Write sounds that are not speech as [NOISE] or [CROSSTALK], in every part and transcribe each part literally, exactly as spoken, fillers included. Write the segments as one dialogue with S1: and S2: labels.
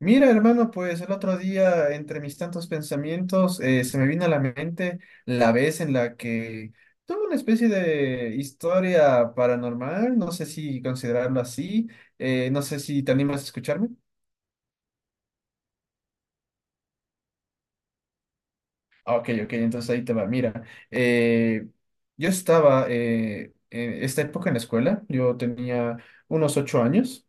S1: Mira, hermano, pues el otro día, entre mis tantos pensamientos, eh, se me vino a la mente la vez en la que tuve una especie de historia paranormal, no sé si considerarlo así, eh, no sé si te animas a escucharme. Ah, ok, ok, entonces ahí te va. Mira, eh, yo estaba eh, en esta época en la escuela, yo tenía unos ocho años.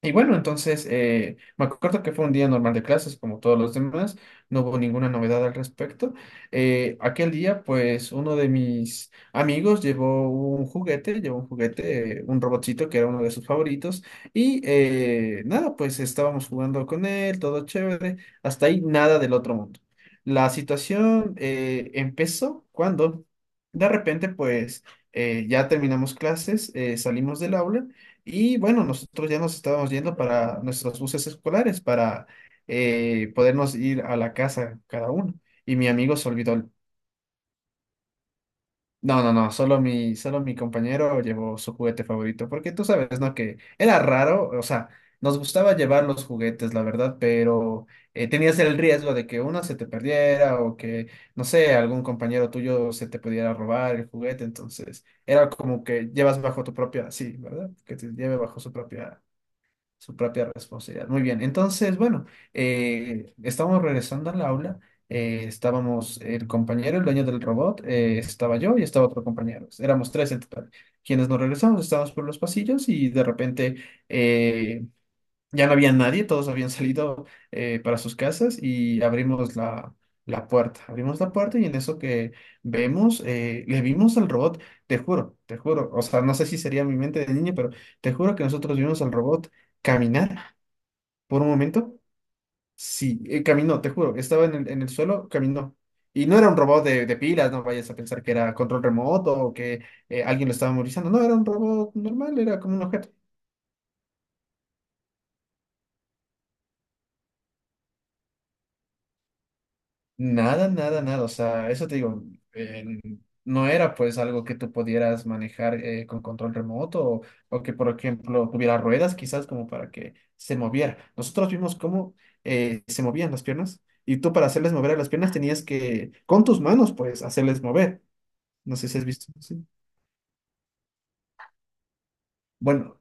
S1: Y bueno, entonces eh, me acuerdo que fue un día normal de clases, como todos los demás, no hubo ninguna novedad al respecto. Eh, aquel día, pues uno de mis amigos llevó un juguete, llevó un juguete, eh, un robotcito que era uno de sus favoritos, y eh, nada, pues estábamos jugando con él, todo chévere, hasta ahí nada del otro mundo. La situación eh, empezó cuando de repente, pues eh, ya terminamos clases, eh, salimos del aula. Y bueno, nosotros ya nos estábamos yendo para nuestros buses escolares para eh, podernos ir a la casa cada uno. Y mi amigo se olvidó el- no, no, no, solo mi, solo mi compañero llevó su juguete favorito, porque tú sabes, ¿no? Que era raro, o sea, nos gustaba llevar los juguetes, la verdad, pero eh, tenías el riesgo de que uno se te perdiera o que, no sé, algún compañero tuyo se te pudiera robar el juguete, entonces era como que llevas bajo tu propia, sí, ¿verdad? Que te lleve bajo su propia su propia responsabilidad. Muy bien, entonces, bueno, eh, estábamos regresando al aula, eh, estábamos el compañero, el dueño del robot, eh, estaba yo y estaba otro compañero, éramos tres en total. Quienes nos regresamos, estábamos por los pasillos y de repente, eh, ya no había nadie, todos habían salido eh, para sus casas y abrimos la, la puerta. Abrimos la puerta y en eso que vemos, eh, le vimos al robot, te juro, te juro, o sea, no sé si sería mi mente de niño, pero te juro que nosotros vimos al robot caminar por un momento. Sí, eh, caminó, te juro, estaba en el, en el suelo, caminó. Y no era un robot de, de pilas, no vayas a pensar que era control remoto o que eh, alguien lo estaba movilizando, no, era un robot normal, era como un objeto. Nada, nada, nada. O sea, eso te digo, eh, no era pues algo que tú pudieras manejar eh, con control remoto o, o que, por ejemplo, tuviera ruedas quizás como para que se moviera. Nosotros vimos cómo eh, se movían las piernas y tú para hacerles mover a las piernas tenías que, con tus manos, pues, hacerles mover. No sé si has visto. Sí. Bueno,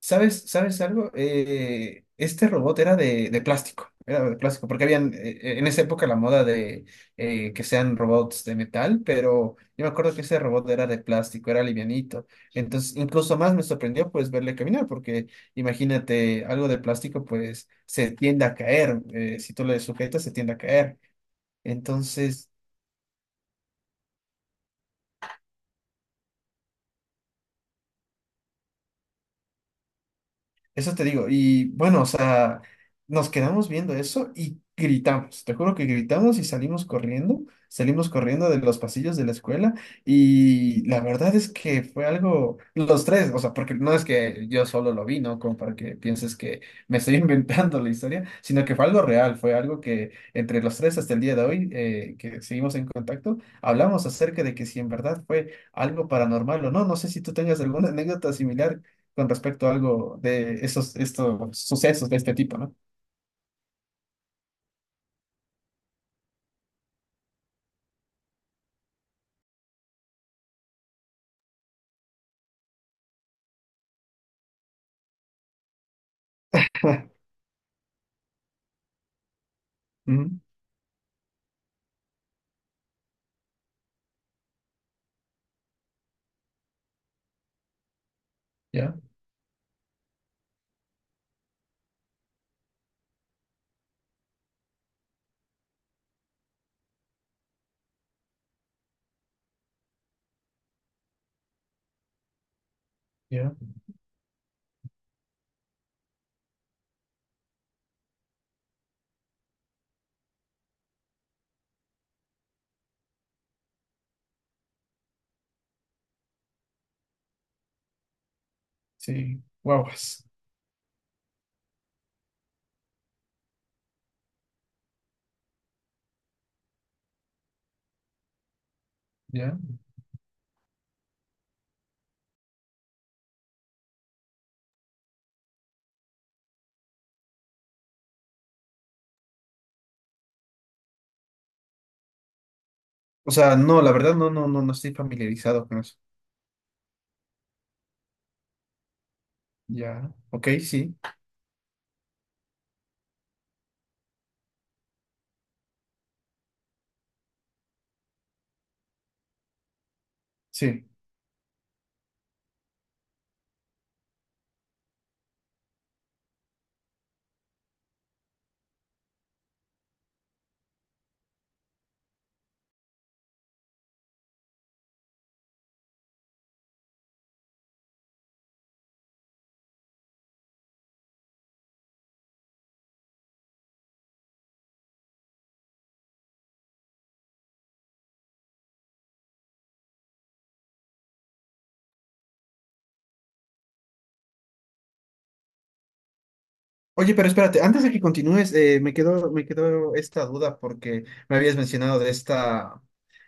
S1: ¿sabes, sabes algo? Eh, este robot era de, de plástico, era de plástico, porque habían eh, en esa época la moda de eh, que sean robots de metal, pero yo me acuerdo que ese robot era de plástico, era livianito. Entonces, incluso más me sorprendió pues verle caminar, porque imagínate, algo de plástico pues se tiende a caer, eh, si tú le sujetas se tiende a caer. Entonces... Eso te digo. Y bueno, o sea, nos quedamos viendo eso y gritamos. Te juro que gritamos y salimos corriendo. Salimos corriendo de los pasillos de la escuela. Y la verdad es que fue algo, los tres, o sea, porque no es que yo solo lo vi, ¿no? Como para que pienses que me estoy [LAUGHS] inventando la historia, sino que fue algo real. Fue algo que entre los tres hasta el día de hoy, eh, que seguimos en contacto, hablamos acerca de que si en verdad fue algo paranormal o no. No sé si tú tengas alguna anécdota similar con respecto a algo de esos, estos sucesos de este tipo, ¿no? Ujú. Ya, ya, sí, guaguas, ya. O sea, no, la verdad no, no, no, no estoy familiarizado con eso. Ya, ok, sí. Sí, oye, pero espérate, antes de que continúes, eh, me quedó, me quedó esta duda porque me habías mencionado de esta.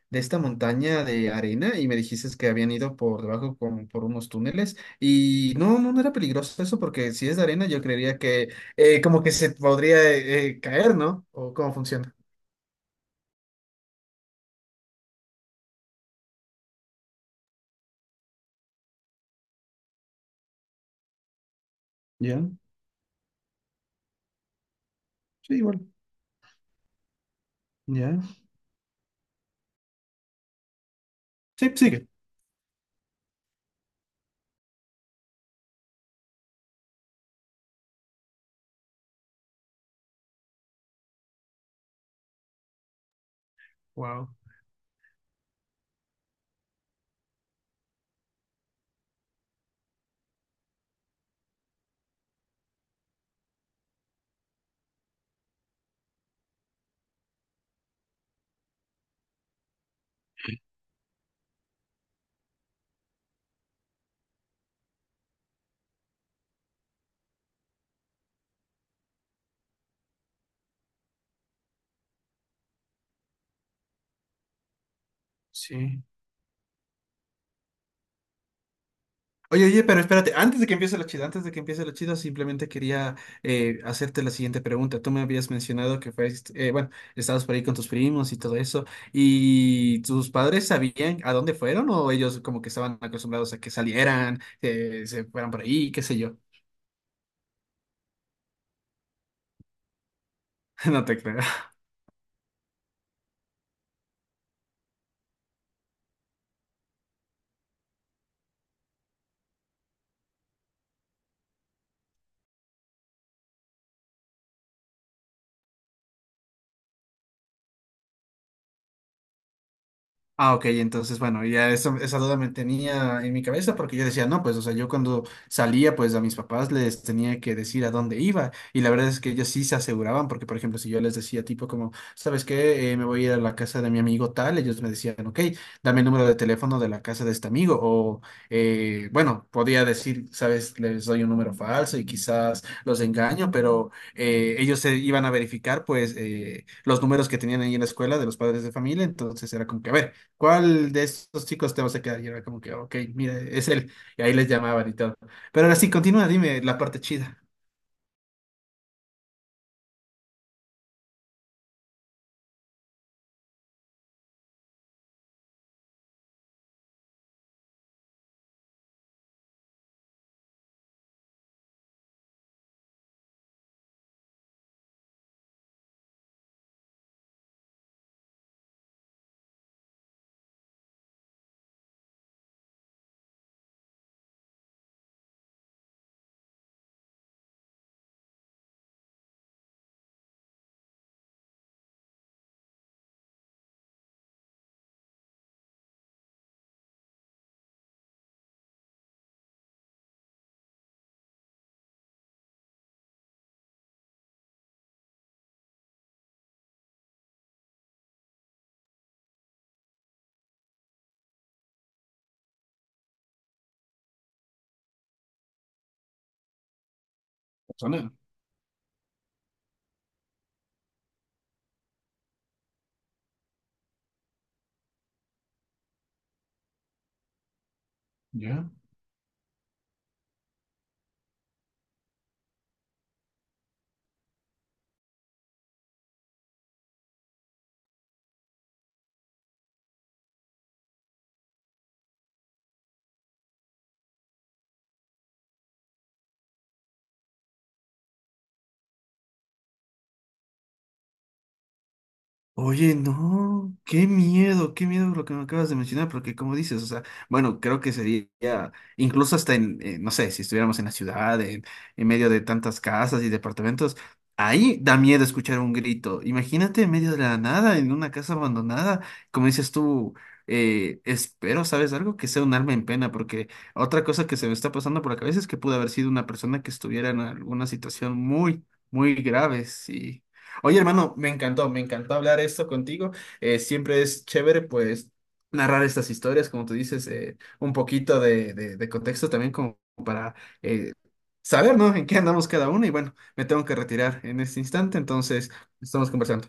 S1: De esta montaña de arena y me dijiste que habían ido por debajo con, por unos túneles y no, no, no era peligroso eso porque si es de arena yo creería que eh, como que se podría eh, eh, caer, ¿no? ¿O cómo funciona? Ya, sí, igual. Ya. Sí, sigue. Wow, sí. Oye, oye, pero espérate, antes de que empiece lo chido, antes de que empiece lo chido, simplemente quería eh, hacerte la siguiente pregunta. Tú me habías mencionado que fuiste, eh, bueno, estabas por ahí con tus primos y todo eso, ¿y tus padres sabían a dónde fueron o ellos como que estaban acostumbrados a que salieran, eh, se fueran por ahí, qué sé yo? [LAUGHS] No te creo. Ah, ok, entonces, bueno, ya eso, esa duda me tenía en mi cabeza porque yo decía, no, pues, o sea, yo cuando salía, pues a mis papás les tenía que decir a dónde iba y la verdad es que ellos sí se aseguraban porque, por ejemplo, si yo les decía tipo como, ¿sabes qué? Eh, me voy a ir a la casa de mi amigo tal, ellos me decían, ok, dame el número de teléfono de la casa de este amigo o, eh, bueno, podía decir, ¿sabes? Les doy un número falso y quizás los engaño, pero eh, ellos se iban a verificar, pues, eh, los números que tenían ahí en la escuela de los padres de familia, entonces era como que, a ver. ¿Cuál de estos chicos te vas a quedar? Y era como que, ok, mira, es él. Y ahí les llamaban y todo. Pero ahora sí, continúa, dime la parte chida. Persona, ¿ya? Oye, no, qué miedo, qué miedo lo que me acabas de mencionar, porque como dices, o sea, bueno, creo que sería, incluso hasta en, eh, no sé, si estuviéramos en la ciudad, en, en medio de tantas casas y departamentos, ahí da miedo escuchar un grito. Imagínate en medio de la nada, en una casa abandonada, como dices tú, eh, espero, ¿sabes algo? Que sea un alma en pena, porque otra cosa que se me está pasando por la cabeza es que pudo haber sido una persona que estuviera en alguna situación muy, muy grave, sí. Oye, hermano, me encantó, me encantó hablar esto contigo. Eh, siempre es chévere, pues, narrar estas historias, como tú dices, eh, un poquito de, de- de contexto también como para eh, saber, ¿no? En qué andamos cada uno. Y bueno, me tengo que retirar en este instante, entonces estamos conversando.